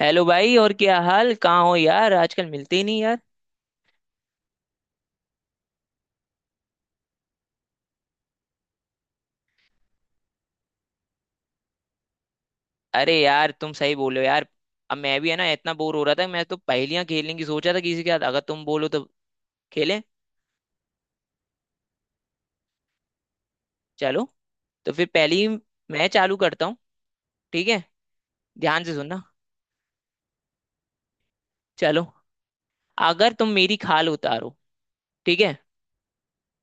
Hello भाई। और क्या हाल, कहाँ हो यार? आजकल मिलते ही नहीं यार। अरे यार तुम सही बोलो यार। अब मैं भी है ना इतना बोर हो रहा था। मैं तो पहेलियां खेलने की सोचा था किसी के साथ। अगर तुम बोलो तो खेलें। चलो तो फिर पहली मैं चालू करता हूँ। ठीक है, ध्यान से सुनना। चलो, अगर तुम मेरी खाल उतारो, ठीक है,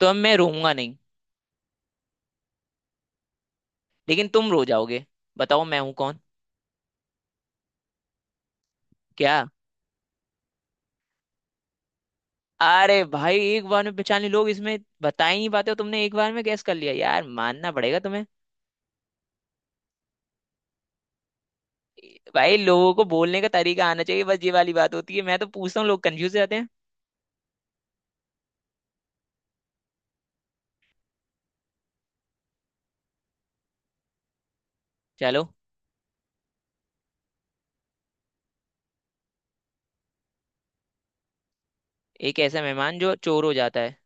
तो अब मैं रोऊंगा नहीं लेकिन तुम रो जाओगे। बताओ मैं हूं कौन? क्या? अरे भाई एक बार में पहचान लिए। लोग इसमें बता ही नहीं पाते हो, तुमने एक बार में गैस कर लिया। यार मानना पड़ेगा तुम्हें। भाई लोगों को बोलने का तरीका आना चाहिए, बस ये वाली बात होती है। मैं तो पूछता हूँ, लोग कंफ्यूज हो जाते हैं। चलो। एक ऐसा मेहमान जो चोर हो जाता है।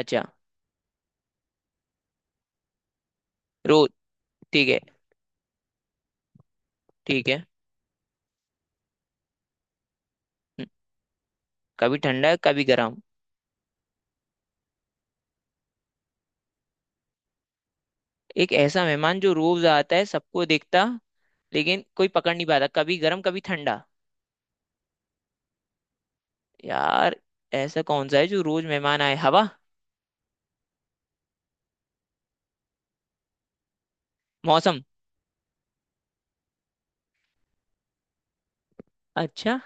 अच्छा। रोज, ठीक है। ठीक है। हम्म, कभी ठंडा कभी गर्म। एक ऐसा मेहमान जो रोज आता है, सबको दिखता लेकिन कोई पकड़ नहीं पाता, कभी गर्म कभी ठंडा। यार ऐसा कौन सा है जो रोज मेहमान आए? हवा? मौसम? अच्छा,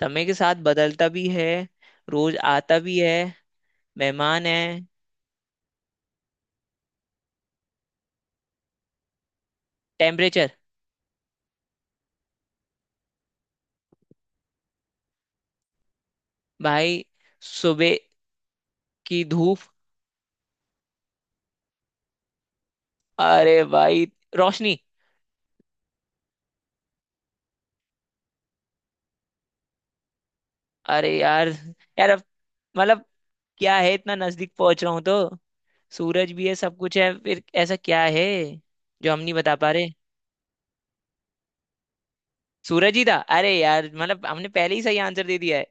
समय के साथ बदलता भी है, रोज आता भी है, मेहमान है। टेम्परेचर? भाई सुबह की धूप? अरे भाई रोशनी? अरे यार। यार अब मतलब क्या है, इतना नजदीक पहुंच रहा हूं तो सूरज भी है, सब कुछ है। फिर ऐसा क्या है जो हम नहीं बता पा रहे? सूरज ही था। अरे यार मतलब हमने पहले ही सही आंसर दे दिया है।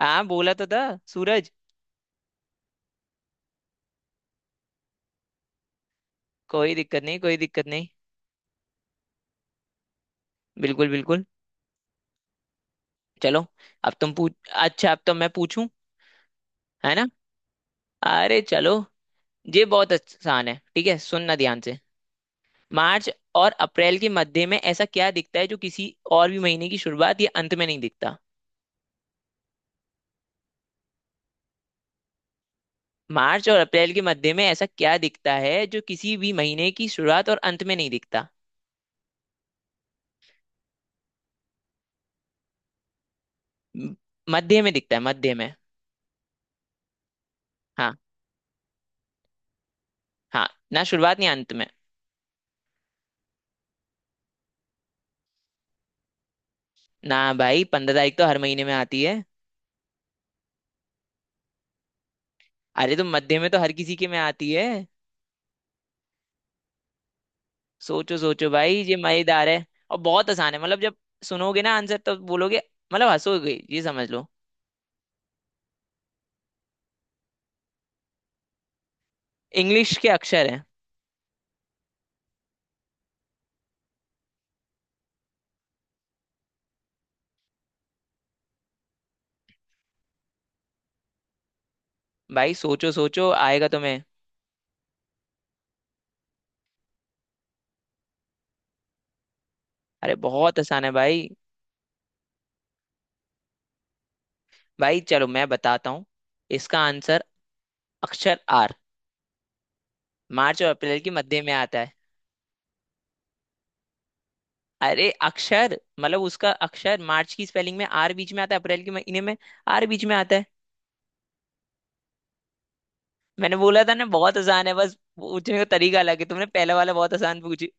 हाँ बोला तो था, सूरज। कोई दिक्कत नहीं, कोई दिक्कत नहीं। बिल्कुल बिल्कुल। चलो अब तुम पूछ। अच्छा अब तो मैं पूछूं, है ना? अरे चलो। ये बहुत आसान है, ठीक है, सुनना ध्यान से। मार्च और अप्रैल के मध्य में ऐसा क्या दिखता है जो किसी और भी महीने की शुरुआत या अंत में नहीं दिखता? मार्च और अप्रैल के मध्य में ऐसा क्या दिखता है जो किसी भी महीने की शुरुआत और अंत में नहीं दिखता? म- मध्य में दिखता है, मध्य में। हाँ। हाँ, ना शुरुआत ना अंत में। ना भाई, पंद्रह तारीख तो हर महीने में आती है। अरे तो मध्य में तो हर किसी के में आती है। सोचो सोचो भाई, ये मजेदार है। और बहुत आसान है, मतलब जब सुनोगे ना आंसर तो बोलोगे, मतलब हंसोगे ये समझ लो। इंग्लिश के अक्षर है। भाई सोचो सोचो, आएगा तुम्हें। अरे बहुत आसान है भाई। भाई चलो मैं बताता हूँ इसका आंसर। अक्षर आर मार्च और अप्रैल के मध्य में आता है। अरे अक्षर मतलब उसका अक्षर, मार्च की स्पेलिंग में आर बीच में आता है, अप्रैल के महीने में आर बीच में आता है। मैंने बोला था ना, बहुत आसान है, बस पूछने का तरीका अलग है। तुमने पहला वाला बहुत आसान पूछी।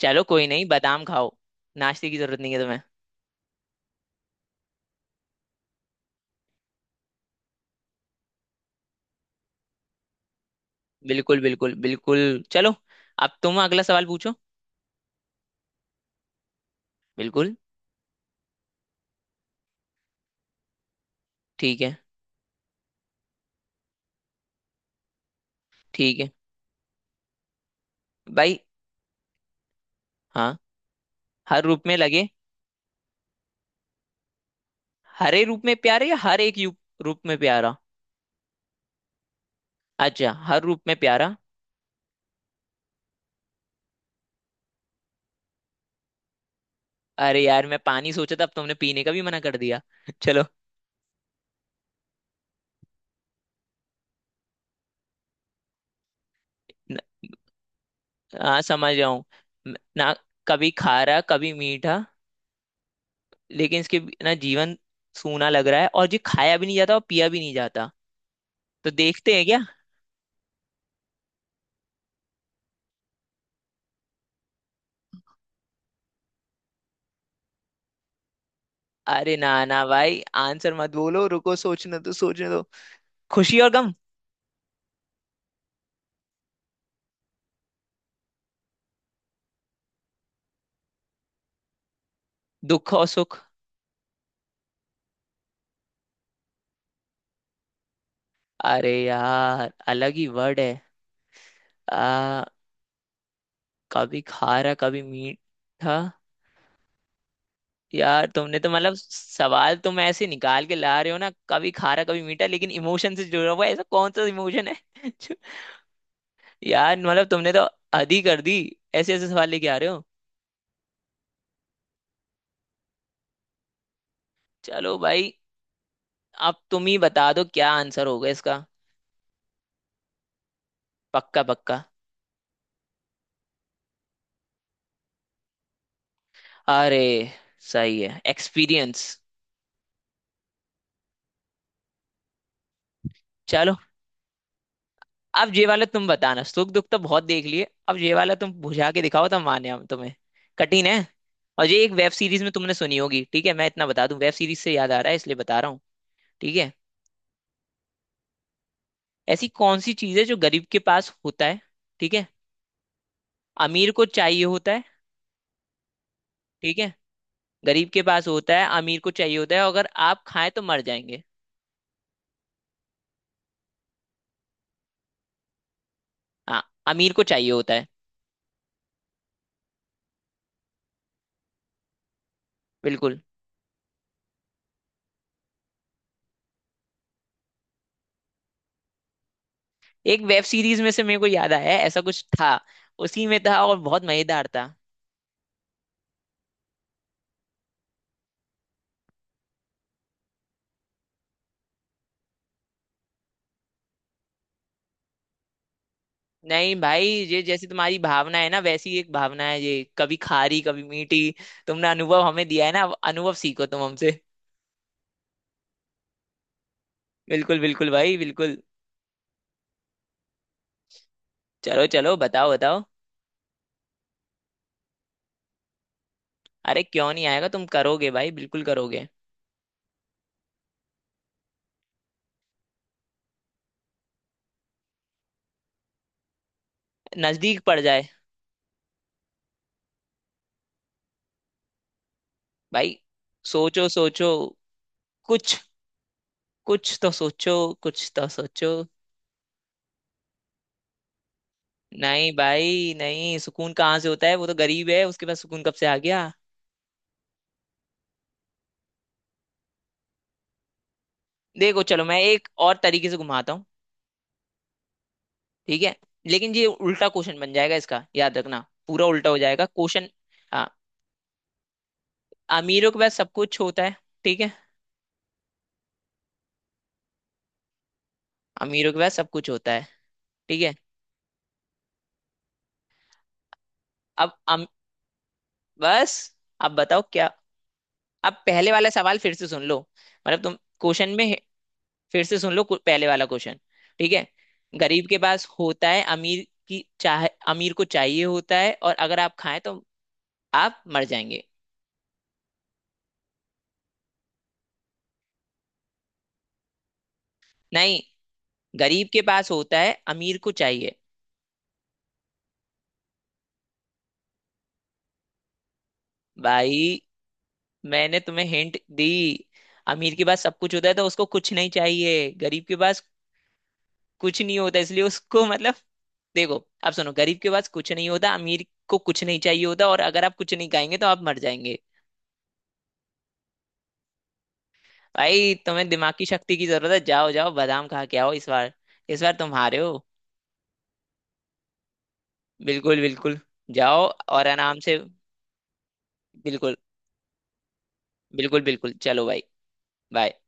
चलो कोई नहीं, बादाम खाओ, नाश्ते की जरूरत नहीं है तुम्हें। बिल्कुल बिल्कुल बिल्कुल। चलो अब तुम अगला सवाल पूछो। बिल्कुल। ठीक है। ठीक है भाई। हाँ, हर रूप में लगे। हरे रूप में प्यारे या हर एक रूप में प्यारा? अच्छा, हर रूप में प्यारा। अरे यार मैं पानी सोचा था, अब तुमने पीने का भी मना कर दिया। चलो। न, हाँ समझ जाऊं। ना? कभी खारा कभी मीठा, लेकिन ना जीवन सूना लग रहा है और जो खाया भी नहीं जाता और पिया भी नहीं जाता। तो देखते हैं क्या। अरे ना ना भाई, आंसर मत बोलो, रुको, सोचने दो सोचने दो। खुशी और गम? दुख और सुख? अरे यार अलग ही वर्ड है। आ। कभी खारा कभी मीठा। यार तुमने तो मतलब सवाल तुम ऐसे निकाल के ला रहे हो ना, कभी खारा कभी मीठा लेकिन इमोशन से जुड़ा हुआ है, ऐसा कौन सा इमोशन है? जो- यार मतलब तुमने तो हद ही कर दी, ऐसे ऐसे सवाल लेके आ रहे हो। चलो भाई, अब तुम ही बता दो क्या आंसर होगा इसका। पक्का पक्का। अरे सही है, एक्सपीरियंस। चलो, अब ये वाला तुम बताना, सुख दुख तो बहुत देख लिए, अब ये वाला तुम बुझा के दिखाओ तो माने हम तुम्हें। कठिन है। और ये एक वेब सीरीज में तुमने सुनी होगी। ठीक है, मैं इतना बता दूं, वेब सीरीज से याद आ रहा है इसलिए बता रहा हूँ। ठीक है। ऐसी कौन सी चीज है जो गरीब के पास होता है, ठीक है, अमीर को चाहिए होता है, ठीक है। गरीब के पास होता है, अमीर को चाहिए होता है, अगर आप खाएं तो मर जाएंगे। हाँ। अमीर को चाहिए होता है। बिल्कुल। एक वेब सीरीज में से मेरे को याद आया, ऐसा कुछ था। उसी में था और बहुत मजेदार था। नहीं भाई, ये जैसी तुम्हारी भावना है ना, वैसी एक भावना है ये, कभी खारी कभी मीठी। तुमने अनुभव हमें दिया है ना, अब अनुभव सीखो तुम हमसे। बिल्कुल बिल्कुल भाई बिल्कुल। चलो चलो, बताओ बताओ। अरे क्यों नहीं आएगा, तुम करोगे भाई, बिल्कुल करोगे। नजदीक पड़ जाए। भाई सोचो सोचो कुछ, कुछ तो सोचो, कुछ तो सोचो। नहीं भाई नहीं, सुकून कहाँ से होता है, वो तो गरीब है, उसके पास सुकून कब से आ गया? देखो चलो मैं एक और तरीके से घुमाता हूँ। ठीक है, लेकिन ये उल्टा क्वेश्चन बन जाएगा इसका, याद रखना। पूरा उल्टा हो जाएगा क्वेश्चन। हाँ। अमीरों के पास सब कुछ होता है, ठीक है। अमीरों के पास सब कुछ होता है, ठीक है। अब अम, बस। अब बताओ क्या। अब पहले वाला सवाल फिर से सुन लो। मतलब तुम क्वेश्चन में है- फिर से सुन लो, पहले वाला क्वेश्चन, ठीक है। गरीब के पास होता है, अमीर की चाह, अमीर को चाहिए होता है, और अगर आप खाएं तो आप मर जाएंगे। नहीं, गरीब के पास होता है, अमीर को चाहिए। भाई मैंने तुम्हें हिंट दी। अमीर के पास सब कुछ होता है तो उसको कुछ नहीं चाहिए, गरीब के पास कुछ नहीं होता इसलिए उसको मतलब, देखो, आप सुनो, गरीब के पास कुछ नहीं होता, अमीर को कुछ नहीं चाहिए होता, और अगर आप कुछ नहीं खाएंगे तो आप मर जाएंगे। भाई तुम्हें दिमाग की शक्ति की जरूरत है, जाओ जाओ बादाम खा के आओ इस बार। इस बार तुम हारे हो। बिल्कुल बिल्कुल। जाओ और आराम से। बिल्कुल बिल्कुल बिल्कुल। चलो भाई, बाय।